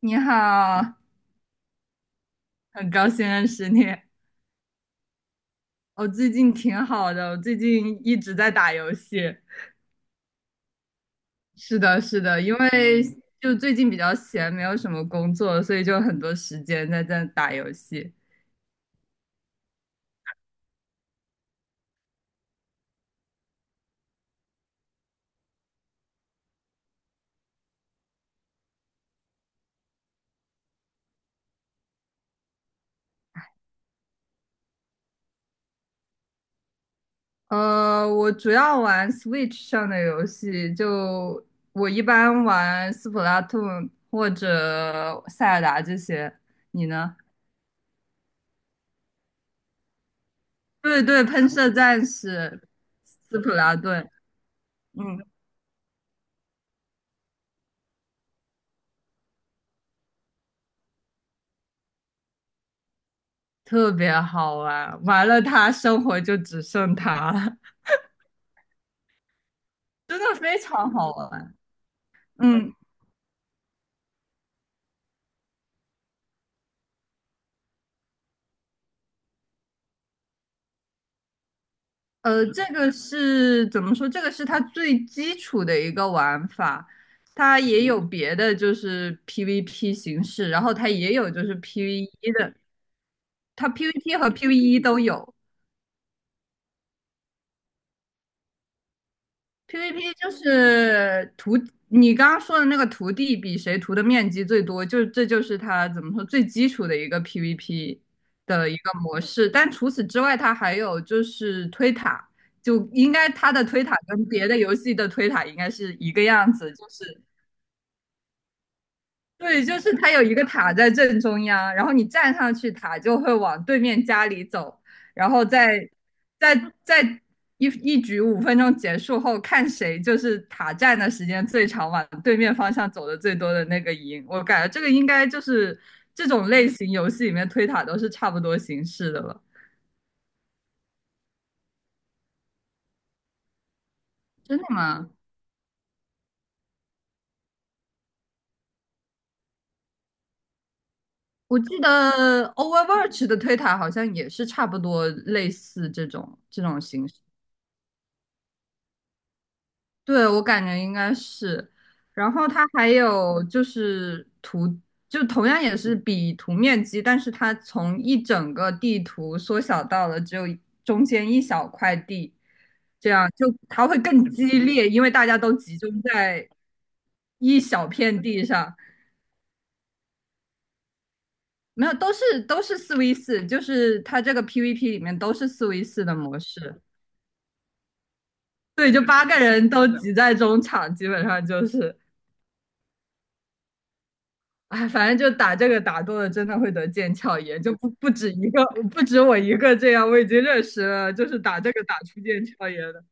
你好，很高兴认识你。我最近挺好的，我最近一直在打游戏。是的，是的，因为就最近比较闲，没有什么工作，所以就很多时间在打游戏。呃，我主要玩 Switch 上的游戏，就我一般玩斯普拉 a 或者塞尔达这些。你呢？对对，喷射战士、斯普拉顿。嗯。特别好玩，玩了它，生活就只剩它了，真的非常好玩。嗯，呃，这个是怎么说？这个是它最基础的一个玩法，它也有别的，就是 PVP 形式，然后它也有就是 PVE 的，它 PVP 和 PVE 都有。PVP 就是图，你刚刚说的那个图地比谁图的面积最多，就这就是它怎么说最基础的一个 PVP 的一个模式。但除此之外，它还有就是推塔，就应该它的推塔跟别的游戏的推塔应该是一个样子，就是对，就是它有一个塔在正中央，然后你站上去，塔就会往对面家里走，然后再再一局五分钟结束后，看谁就是塔站的时间最长，往对面方向走的最多的那个赢。我感觉这个应该就是这种类型游戏里面推塔都是差不多形式的了。真的吗？我记得 Overwatch 的推塔好像也是差不多类似这种形式。对，我感觉应该是。然后它还有就是图，就同样也是比图面积，但是它从一整个地图缩小到了只有中间一小块地，这样就它会更激烈，因为大家都集中在一小片地上。没有，都是四 v 四，就是它这个 PVP 里面都是四 v 四的模式。对，就八个人都挤在中场，基本上就是。哎，反正就打这个打多了，真的会得腱鞘炎，就不止一个，不止我一个这样，我已经认识了，就是打这个打出腱鞘炎的。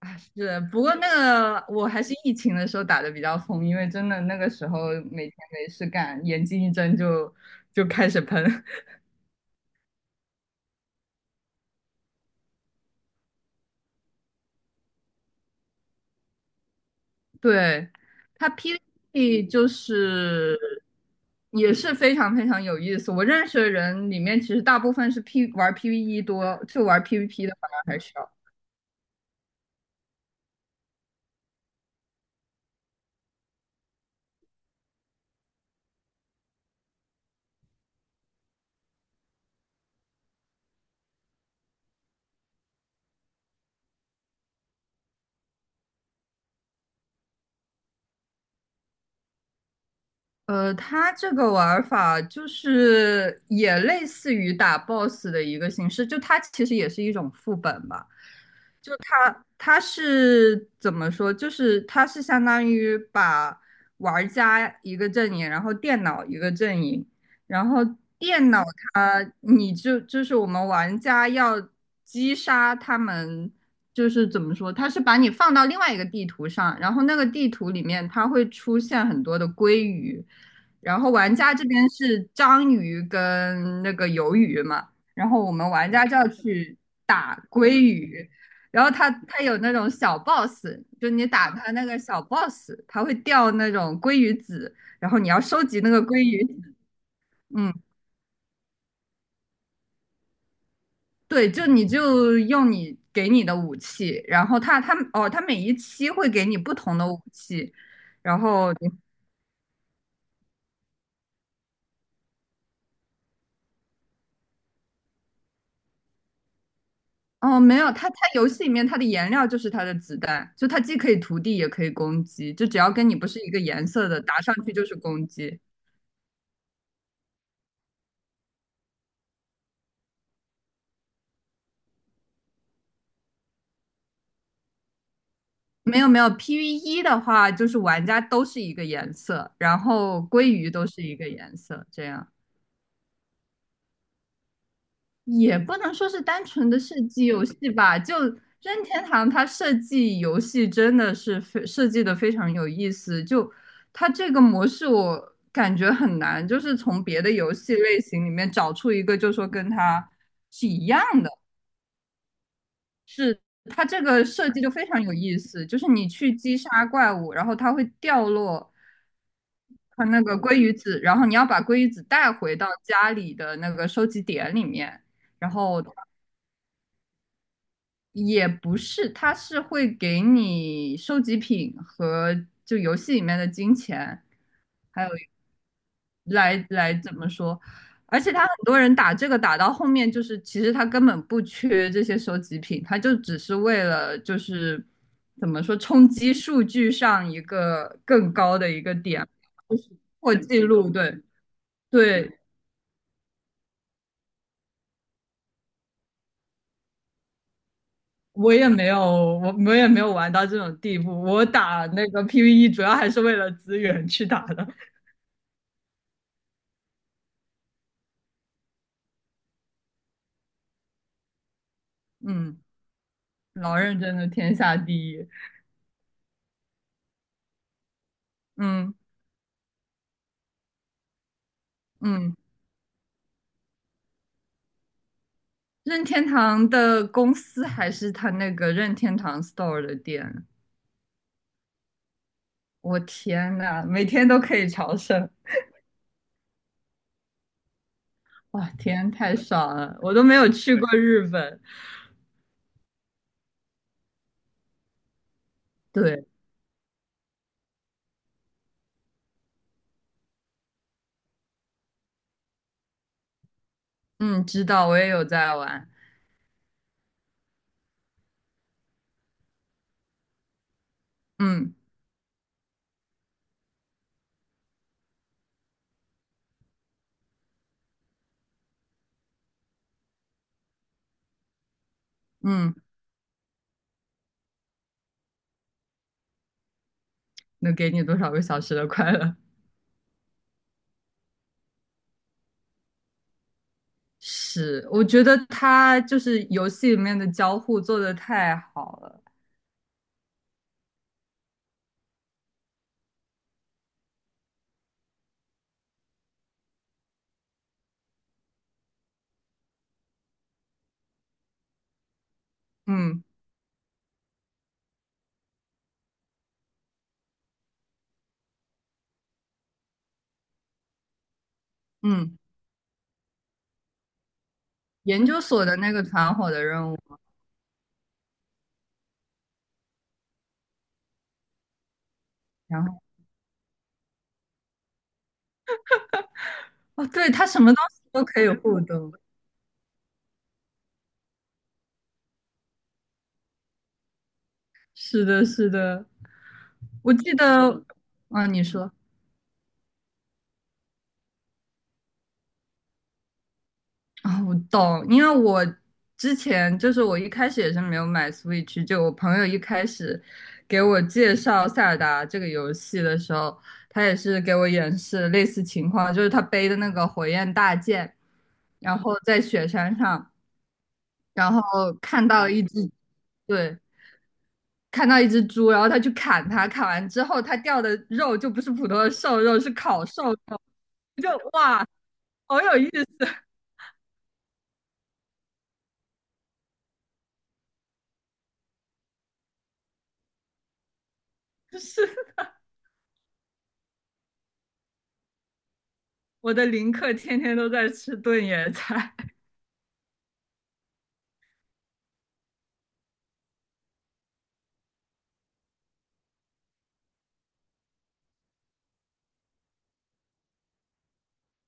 哎，是，不过那个我还是疫情的时候打的比较疯，因为真的那个时候每天没事干，眼睛一睁就开始喷。对，它 PVP 就是也是非常非常有意思。我认识的人里面，其实大部分是 P 玩 PVE 多，就玩 PVP 的反而还少。呃，它这个玩儿法就是也类似于打 boss 的一个形式，就它其实也是一种副本吧。它是怎么说？就是它是相当于把玩家一个阵营，然后电脑一个阵营，然后电脑它你就是我们玩家要击杀他们，就是怎么说？它是把你放到另外一个地图上，然后那个地图里面它会出现很多的鲑鱼，然后玩家这边是章鱼跟那个鱿鱼嘛，然后我们玩家就要去打鲑鱼。然后它有那种小 boss，就你打它那个小 boss，它会掉那种鲑鱼籽，然后你要收集那个鲑鱼籽嗯，对，就你就用你给你的武器，然后它哦，它每一期会给你不同的武器，然后你哦没有，它游戏里面它的颜料就是它的子弹，就它既可以涂地也可以攻击，就只要跟你不是一个颜色的，打上去就是攻击。没有没有，PV E 的话，就是玩家都是一个颜色，然后鲑鱼都是一个颜色，这样也不能说是单纯的设计游戏吧。就任天堂它设计游戏真的是非设计的非常有意思，就它这个模式我感觉很难，就是从别的游戏类型里面找出一个，就说跟它是一样的。它这个设计就非常有意思，就是你去击杀怪物，然后它会掉落它那个鲑鱼子，然后你要把鲑鱼子带回到家里的那个收集点里面，然后也不是，它是会给你收集品和就游戏里面的金钱，还有怎么说？而且他很多人打这个打到后面，就是其实他根本不缺这些收集品，他就只是为了就是怎么说冲击数据上一个更高的一个点，就是破纪录。对对，我也没有玩到这种地步，我打那个 PVE 主要还是为了资源去打的。嗯，老认真的天下第一。嗯嗯。任天堂的公司还是他那个任天堂 Store 的店？我天呐，每天都可以朝圣，哇，天，太爽了！我都没有去过日本。对，嗯，知道，我也有在玩。嗯嗯，能给你多少个小时的快乐？是，我觉得他就是游戏里面的交互做的太好了。嗯嗯，研究所的那个团伙的任务，然后哦，对，他什么东西都可以互动。是的，是的，我记得，啊，你说啊，我懂，因为我之前就是我一开始也是没有买 Switch，就我朋友一开始给我介绍塞尔达这个游戏的时候，他也是给我演示类似情况，就是他背的那个火焰大剑，然后在雪山上，然后看到一只，对，看到一只猪，然后他去砍它，砍完之后它掉的肉就不是普通的瘦肉，是烤瘦肉，就哇。好有意思啊，就是我的林克天天都在吃炖野菜，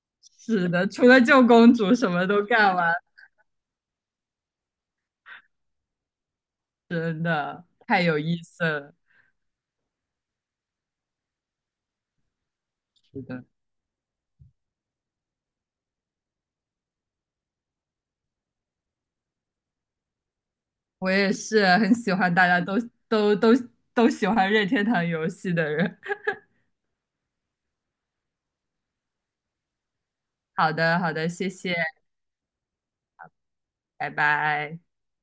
是的，除了救公主什么都干完，真的太有意思了。是的，我也是很喜欢大家都都都都喜欢任天堂游戏的人。好的，好的，谢谢，拜拜。